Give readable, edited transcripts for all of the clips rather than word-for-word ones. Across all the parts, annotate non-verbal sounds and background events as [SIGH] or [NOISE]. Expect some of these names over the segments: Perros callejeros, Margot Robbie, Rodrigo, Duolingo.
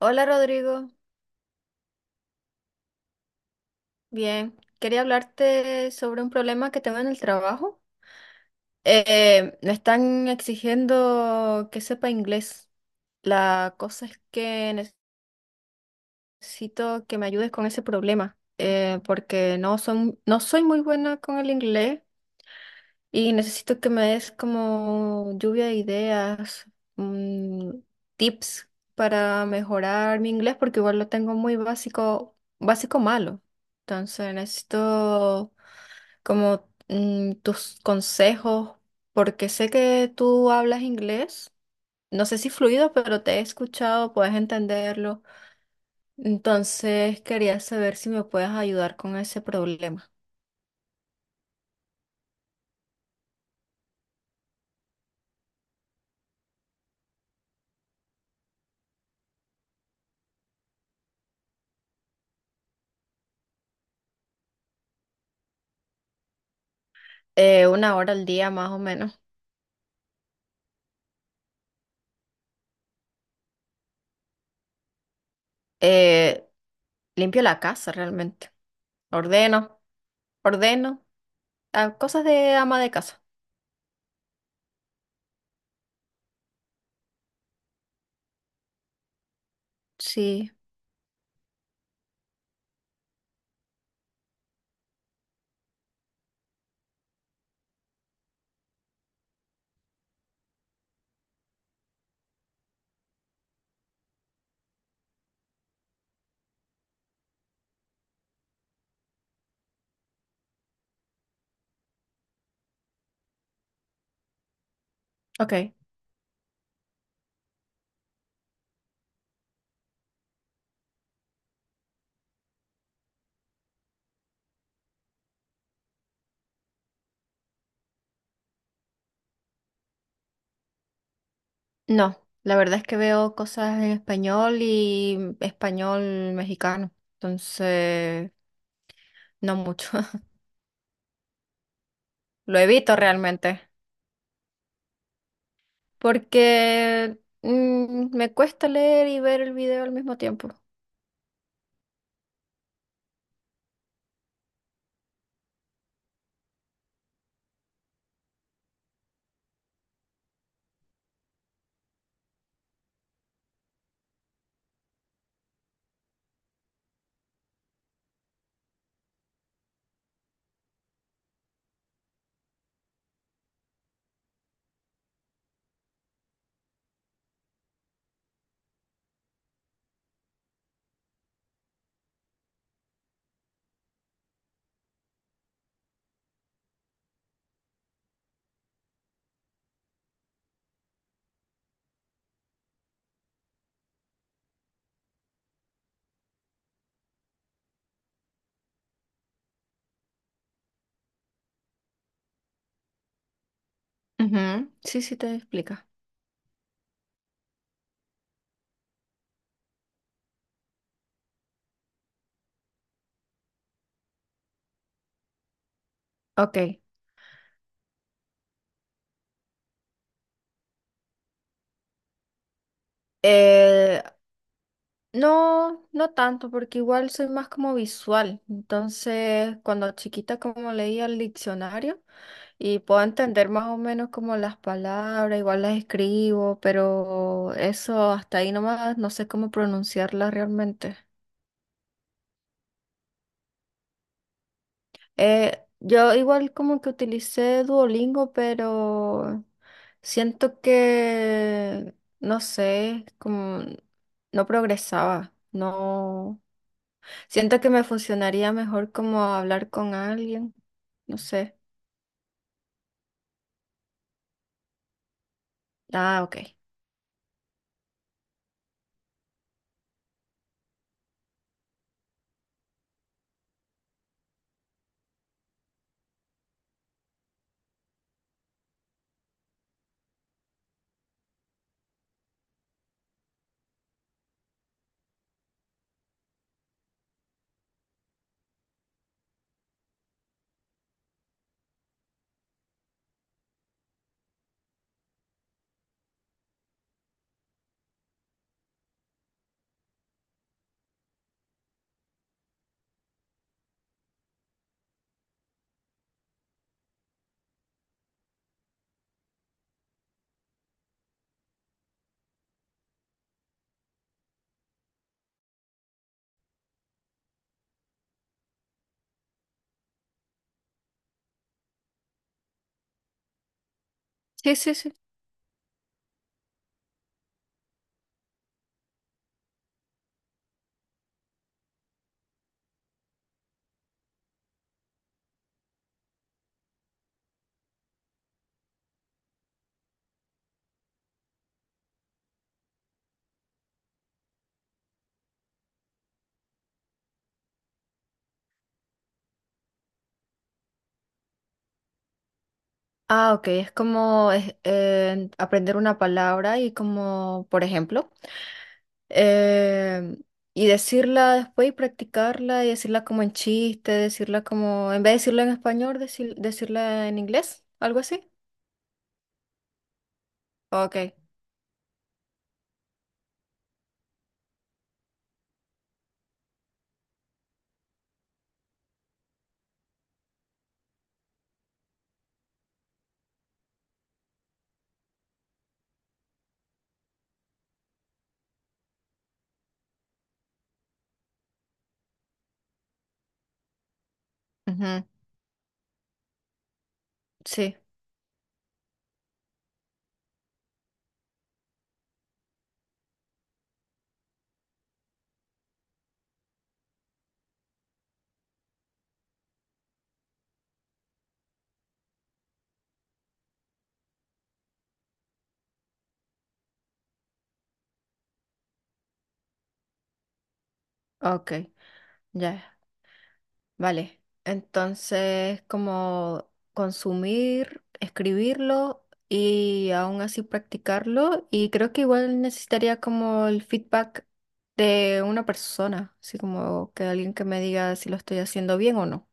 Hola Rodrigo, bien. Quería hablarte sobre un problema que tengo en el trabajo. Me están exigiendo que sepa inglés. La cosa es que necesito que me ayudes con ese problema, porque no soy muy buena con el inglés y necesito que me des como lluvia de ideas, mm, tips para mejorar mi inglés, porque igual lo tengo muy básico, básico malo. Entonces necesito como tus consejos, porque sé que tú hablas inglés, no sé si fluido, pero te he escuchado, puedes entenderlo. Entonces quería saber si me puedes ayudar con ese problema. Una hora al día más o menos. Eh, Limpio la casa realmente. Ordeno, ordeno, cosas de ama de casa. Sí, ok. No, la verdad es que veo cosas en español y español mexicano, entonces no mucho. [LAUGHS] Lo evito realmente porque me cuesta leer y ver el video al mismo tiempo. Ujú, sí, sí te explica. Ok. Eh, No, no tanto, porque igual soy más como visual. Entonces, cuando chiquita como leía el diccionario y puedo entender más o menos como las palabras, igual las escribo, pero eso hasta ahí nomás no sé cómo pronunciarlas realmente. Yo igual como que utilicé Duolingo, pero siento que, no sé, como no progresaba, no. Siento que me funcionaría mejor como hablar con alguien. No sé. Ah, ok. Sí, sí, sí. Ah, ok. Aprender una palabra y como, por ejemplo, eh, y decirla después y practicarla y decirla como en chiste, decirla como, en vez de decirla en español, decirla en inglés, algo así. Ok. Ujú. Sí, ok. Ya. Vale, entonces como consumir, escribirlo y aún así practicarlo y creo que igual necesitaría como el feedback de una persona, así como que alguien que me diga si lo estoy haciendo bien o no.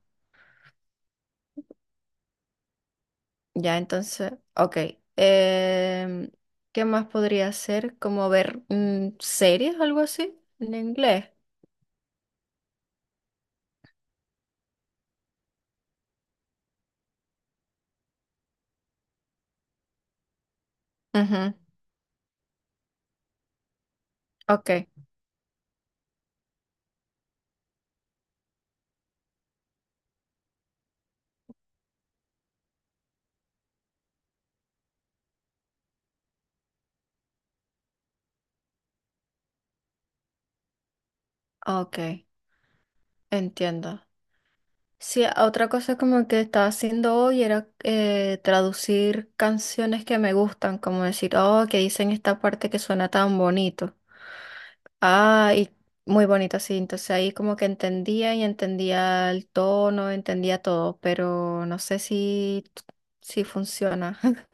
Ya, entonces, ok. em, ¿qué más podría hacer? Como ver series, algo así, en inglés. Ujú, ok, ok, entiendo. Sí, otra cosa como que estaba haciendo hoy era traducir canciones que me gustan, como decir, oh, que dicen esta parte que suena tan bonito. Ah, y muy bonito, sí. Entonces ahí como que entendía y entendía el tono, entendía todo, pero no sé si funciona. [LAUGHS]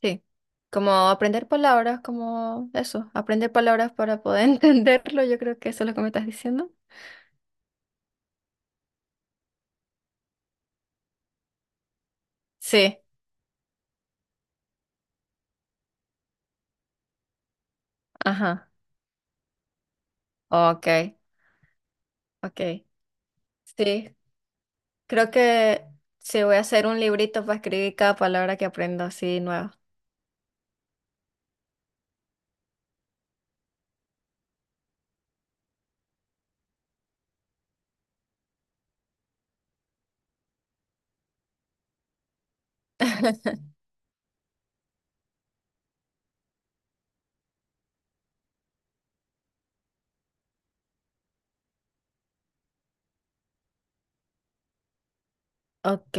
Sí. Como aprender palabras, como eso, aprender palabras para poder [LAUGHS] entenderlo, yo creo que eso es lo que me estás diciendo. Sí, ajá, ok, ok. Sí, creo que sí voy a hacer un librito para escribir cada palabra que aprendo así nueva. Ok,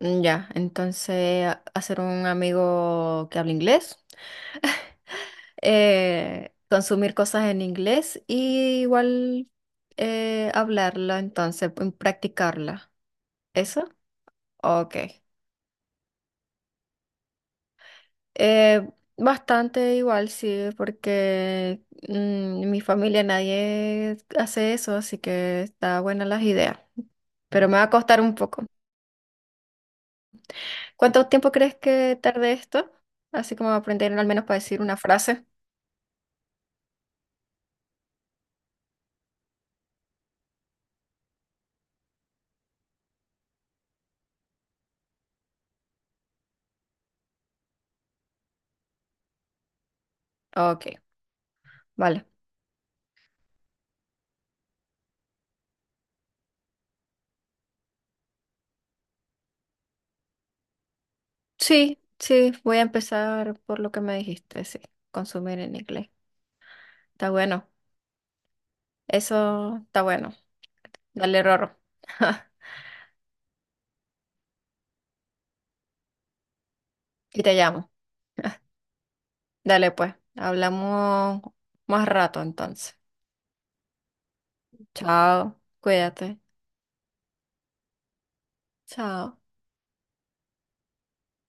ya, entonces hacer un amigo que hable inglés, consumir cosas en inglés y igual hablarla, entonces practicarla. ¿Eso? Ok. Eh, Bastante igual, sí, porque en mi familia nadie hace eso, así que está buena las ideas, pero me va a costar un poco. ¿Cuánto tiempo crees que tarde esto? Así como aprender al menos para decir una frase. Ok, vale. Sí, sí, voy a empezar por lo que me dijiste, sí, consumir en inglés. Está bueno, eso está bueno. Dale, Rorro. [LAUGHS] Y te llamo. [LAUGHS] Dale, pues, hablamos más rato entonces. Chao, cuídate. Chao.